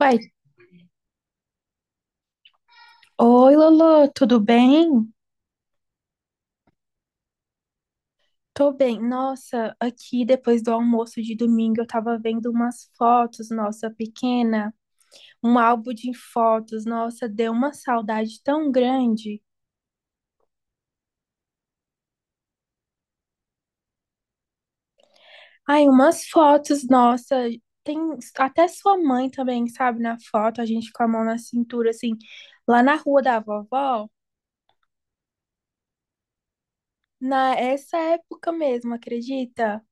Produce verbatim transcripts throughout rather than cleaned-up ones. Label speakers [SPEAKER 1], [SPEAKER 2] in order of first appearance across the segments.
[SPEAKER 1] Uai, oi Lolo, tudo bem? Tô bem. Nossa, aqui depois do almoço de domingo eu tava vendo umas fotos, nossa, pequena, um álbum de fotos, nossa, deu uma saudade tão grande. Ai, umas fotos, nossa, tem até sua mãe também, sabe, na foto, a gente com a mão na cintura, assim, lá na rua da vovó, na essa época mesmo, acredita?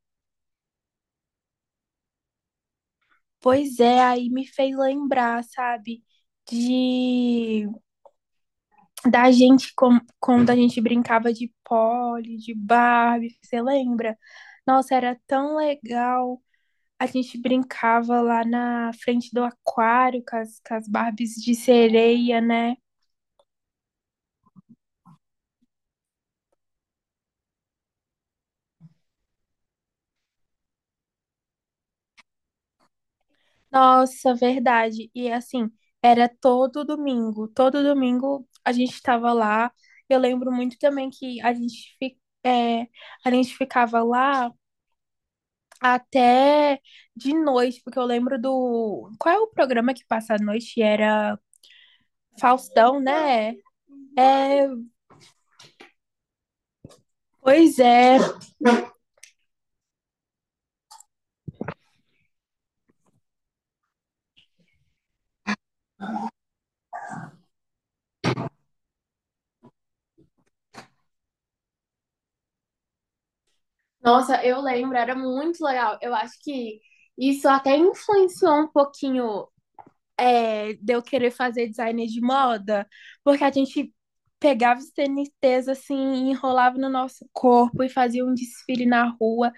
[SPEAKER 1] Pois é, aí me fez lembrar, sabe, de da gente, com, quando a gente brincava de Polly, de Barbie, você lembra? Nossa, era tão legal. A gente brincava lá na frente do aquário com as, com as Barbies de sereia, né? Nossa, verdade. E assim, era todo domingo. Todo domingo a gente estava lá. Eu lembro muito também que a gente, fi- é, a gente ficava lá até de noite, porque eu lembro do. Qual é o programa que passa à noite? Era Faustão, né? É, pois é. Nossa, eu lembro, era muito legal. Eu acho que isso até influenciou um pouquinho é, de eu querer fazer design de moda, porque a gente pegava os T N Ts assim, enrolava no nosso corpo e fazia um desfile na rua.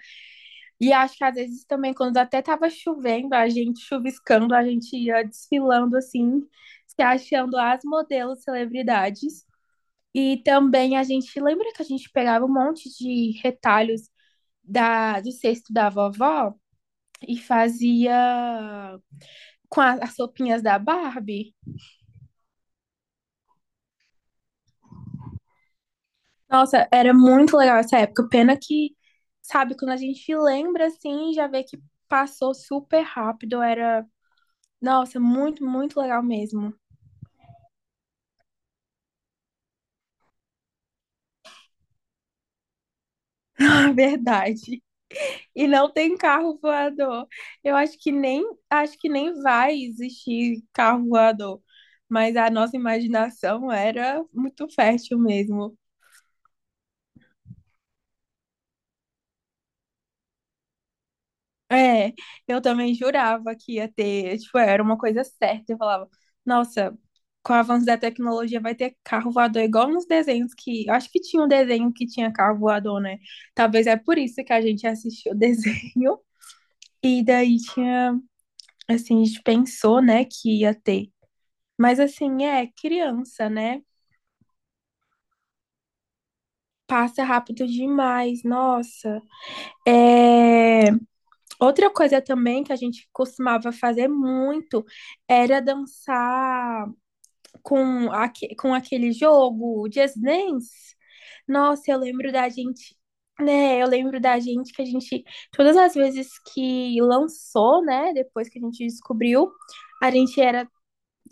[SPEAKER 1] E acho que às vezes também, quando até tava chovendo, a gente chuviscando, a gente ia desfilando assim, se achando as modelos celebridades. E também a gente lembra que a gente pegava um monte de retalhos da, do cesto da vovó e fazia com a- as roupinhas da Barbie. Nossa, era muito legal essa época. Pena que, sabe, quando a gente lembra assim, já vê que passou super rápido. Era, nossa, muito, muito legal mesmo. É verdade. E não tem carro voador. Eu acho que nem acho que nem vai existir carro voador. Mas a nossa imaginação era muito fértil mesmo. É, eu também jurava que ia ter, tipo, era uma coisa certa. Eu falava, nossa, com o avanço da tecnologia vai ter carro voador igual nos desenhos que, eu acho que tinha um desenho que tinha carro voador, né? Talvez é por isso que a gente assistiu o desenho. E daí tinha, assim, a gente pensou, né, que ia ter. Mas assim, é criança, né? Passa rápido demais, nossa. É... Outra coisa também que a gente costumava fazer muito era dançar com, aque- com aquele jogo, o Just Dance. Nossa, eu lembro da gente, né? Eu lembro da gente que a gente, todas as vezes que lançou, né? Depois que a gente descobriu, a gente era,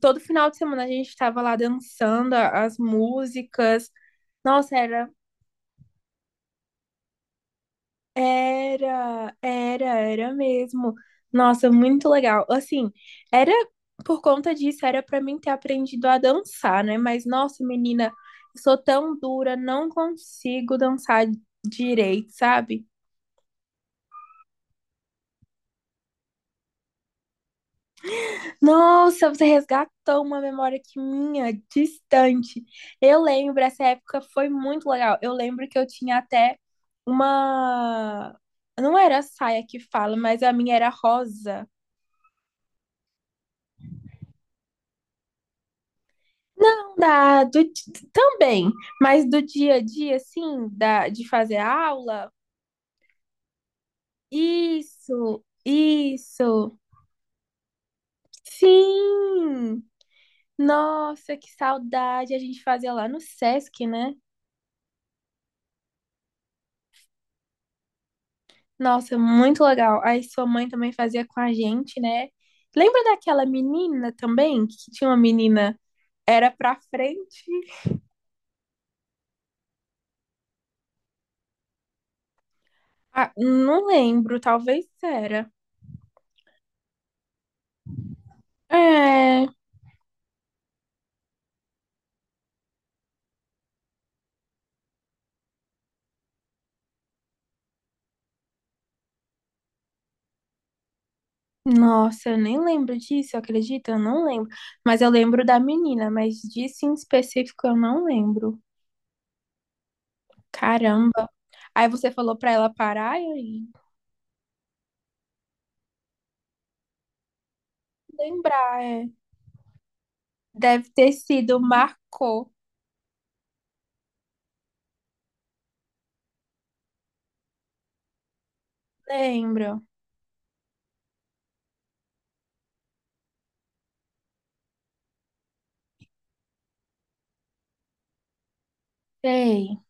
[SPEAKER 1] todo final de semana a gente estava lá dançando a- as músicas. Nossa, era Era, era, era mesmo. Nossa, muito legal. Assim, era por conta disso, era pra mim ter aprendido a dançar, né? Mas, nossa, menina, eu sou tão dura, não consigo dançar direito, sabe? Nossa, você resgatou uma memória que minha, distante. Eu lembro, essa época foi muito legal. Eu lembro que eu tinha até uma. Não era saia que fala, mas a minha era rosa. Não dá, do, também, mas do dia a dia, assim, da, de fazer aula? Isso, isso, sim! Nossa, que saudade a gente fazia lá no Sesc, né? Nossa, muito legal. Aí sua mãe também fazia com a gente, né? Lembra daquela menina também, que tinha uma menina, era pra frente? Ah, não lembro, talvez era. É. Nossa, eu nem lembro disso, acredita? Eu não lembro. Mas eu lembro da menina, mas disso em específico eu não lembro. Caramba. Aí você falou pra ela parar e aí lembrar, é. Deve ter sido marcou. Lembro. Sei.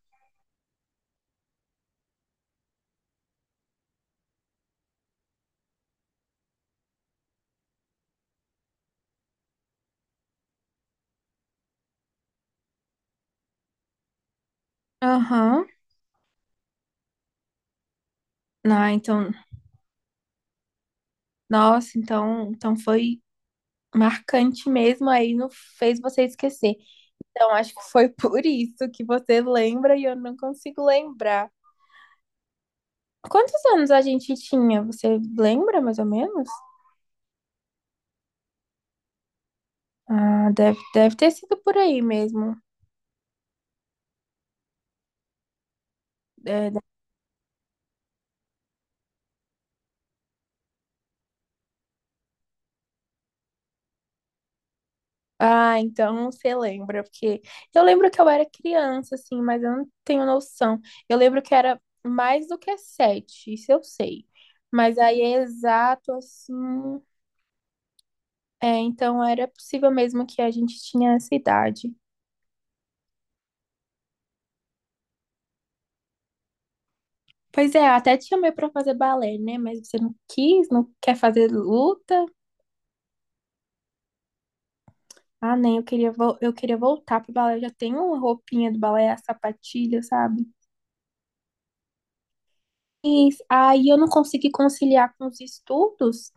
[SPEAKER 1] Aham. Não, então, nossa, então, então foi marcante mesmo, aí não fez você esquecer. Então, acho que foi por isso que você lembra e eu não consigo lembrar. Quantos anos a gente tinha? Você lembra mais ou menos? Ah, deve, deve ter sido por aí mesmo. É, de- ah, então você lembra, porque eu lembro que eu era criança, assim, mas eu não tenho noção. Eu lembro que era mais do que sete, isso eu sei. Mas aí é exato, assim. É, então era possível mesmo que a gente tinha essa idade. Pois é, até te chamei pra fazer balé, né? Mas você não quis, não quer fazer luta. Ah, nem, eu queria, vol- eu queria voltar pro balé. Eu já tenho uma roupinha do balé, a sapatilha, sabe? E aí eu não consegui conciliar com os estudos.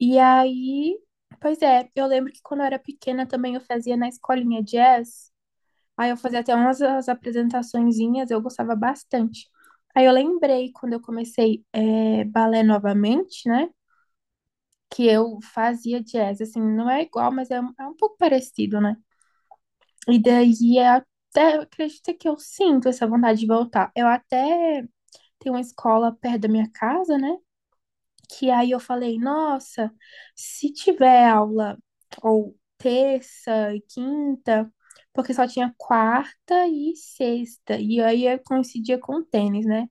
[SPEAKER 1] E aí, pois é, eu lembro que quando eu era pequena também eu fazia na escolinha jazz. Aí eu fazia até umas as apresentaçõezinhas, eu gostava bastante. Aí eu lembrei quando eu comecei eh, balé novamente, né? Que eu fazia jazz, assim, não é igual, mas é, um- é um pouco parecido, né? E daí é até, acredita que eu sinto essa vontade de voltar. Eu até tenho uma escola perto da minha casa, né? Que aí eu falei, nossa, se tiver aula ou terça e quinta, porque só tinha quarta e sexta, e aí eu coincidia com o tênis, né?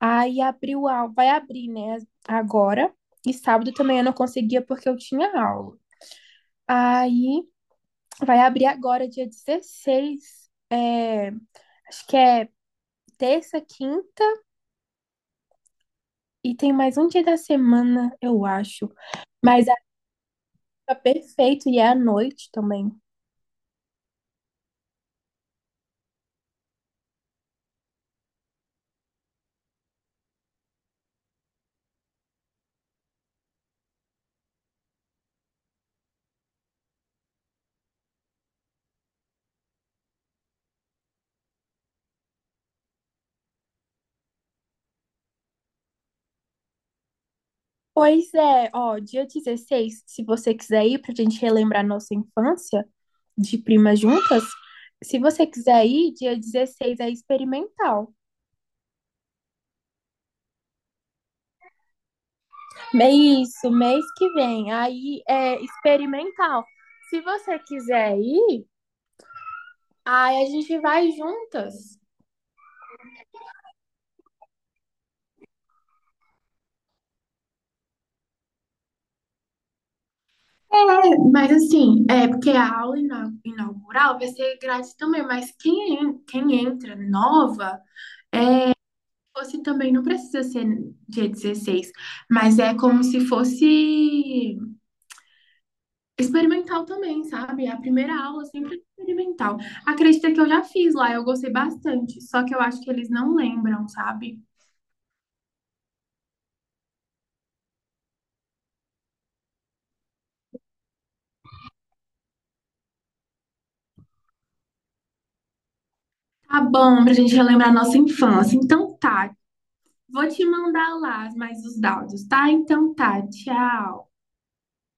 [SPEAKER 1] Aí abriu aula, vai abrir, né, agora, e sábado também eu não conseguia porque eu tinha aula. Aí vai abrir agora, dia dezesseis. é, Acho que é terça, quinta e tem mais um dia da semana, eu acho. Mas é perfeito e é à noite também. Pois é, ó, dia dezesseis, se você quiser ir pra gente relembrar nossa infância de primas juntas, se você quiser ir, dia dezesseis é experimental. É isso, mês que vem. Aí é experimental. Se você quiser ir, aí a gente vai juntas. Mas assim, é porque a aula ina- inaugural vai ser grátis também, mas quem, en- quem entra nova, fosse também não precisa ser dia dezesseis, mas é como se fosse experimental também, sabe? É. A primeira aula sempre é experimental. Acredita que eu já fiz lá, eu gostei bastante, só que eu acho que eles não lembram, sabe? Tá bom, pra gente relembrar a nossa infância. Então tá, vou te mandar lá mais os dados, tá? Então tá, tchau.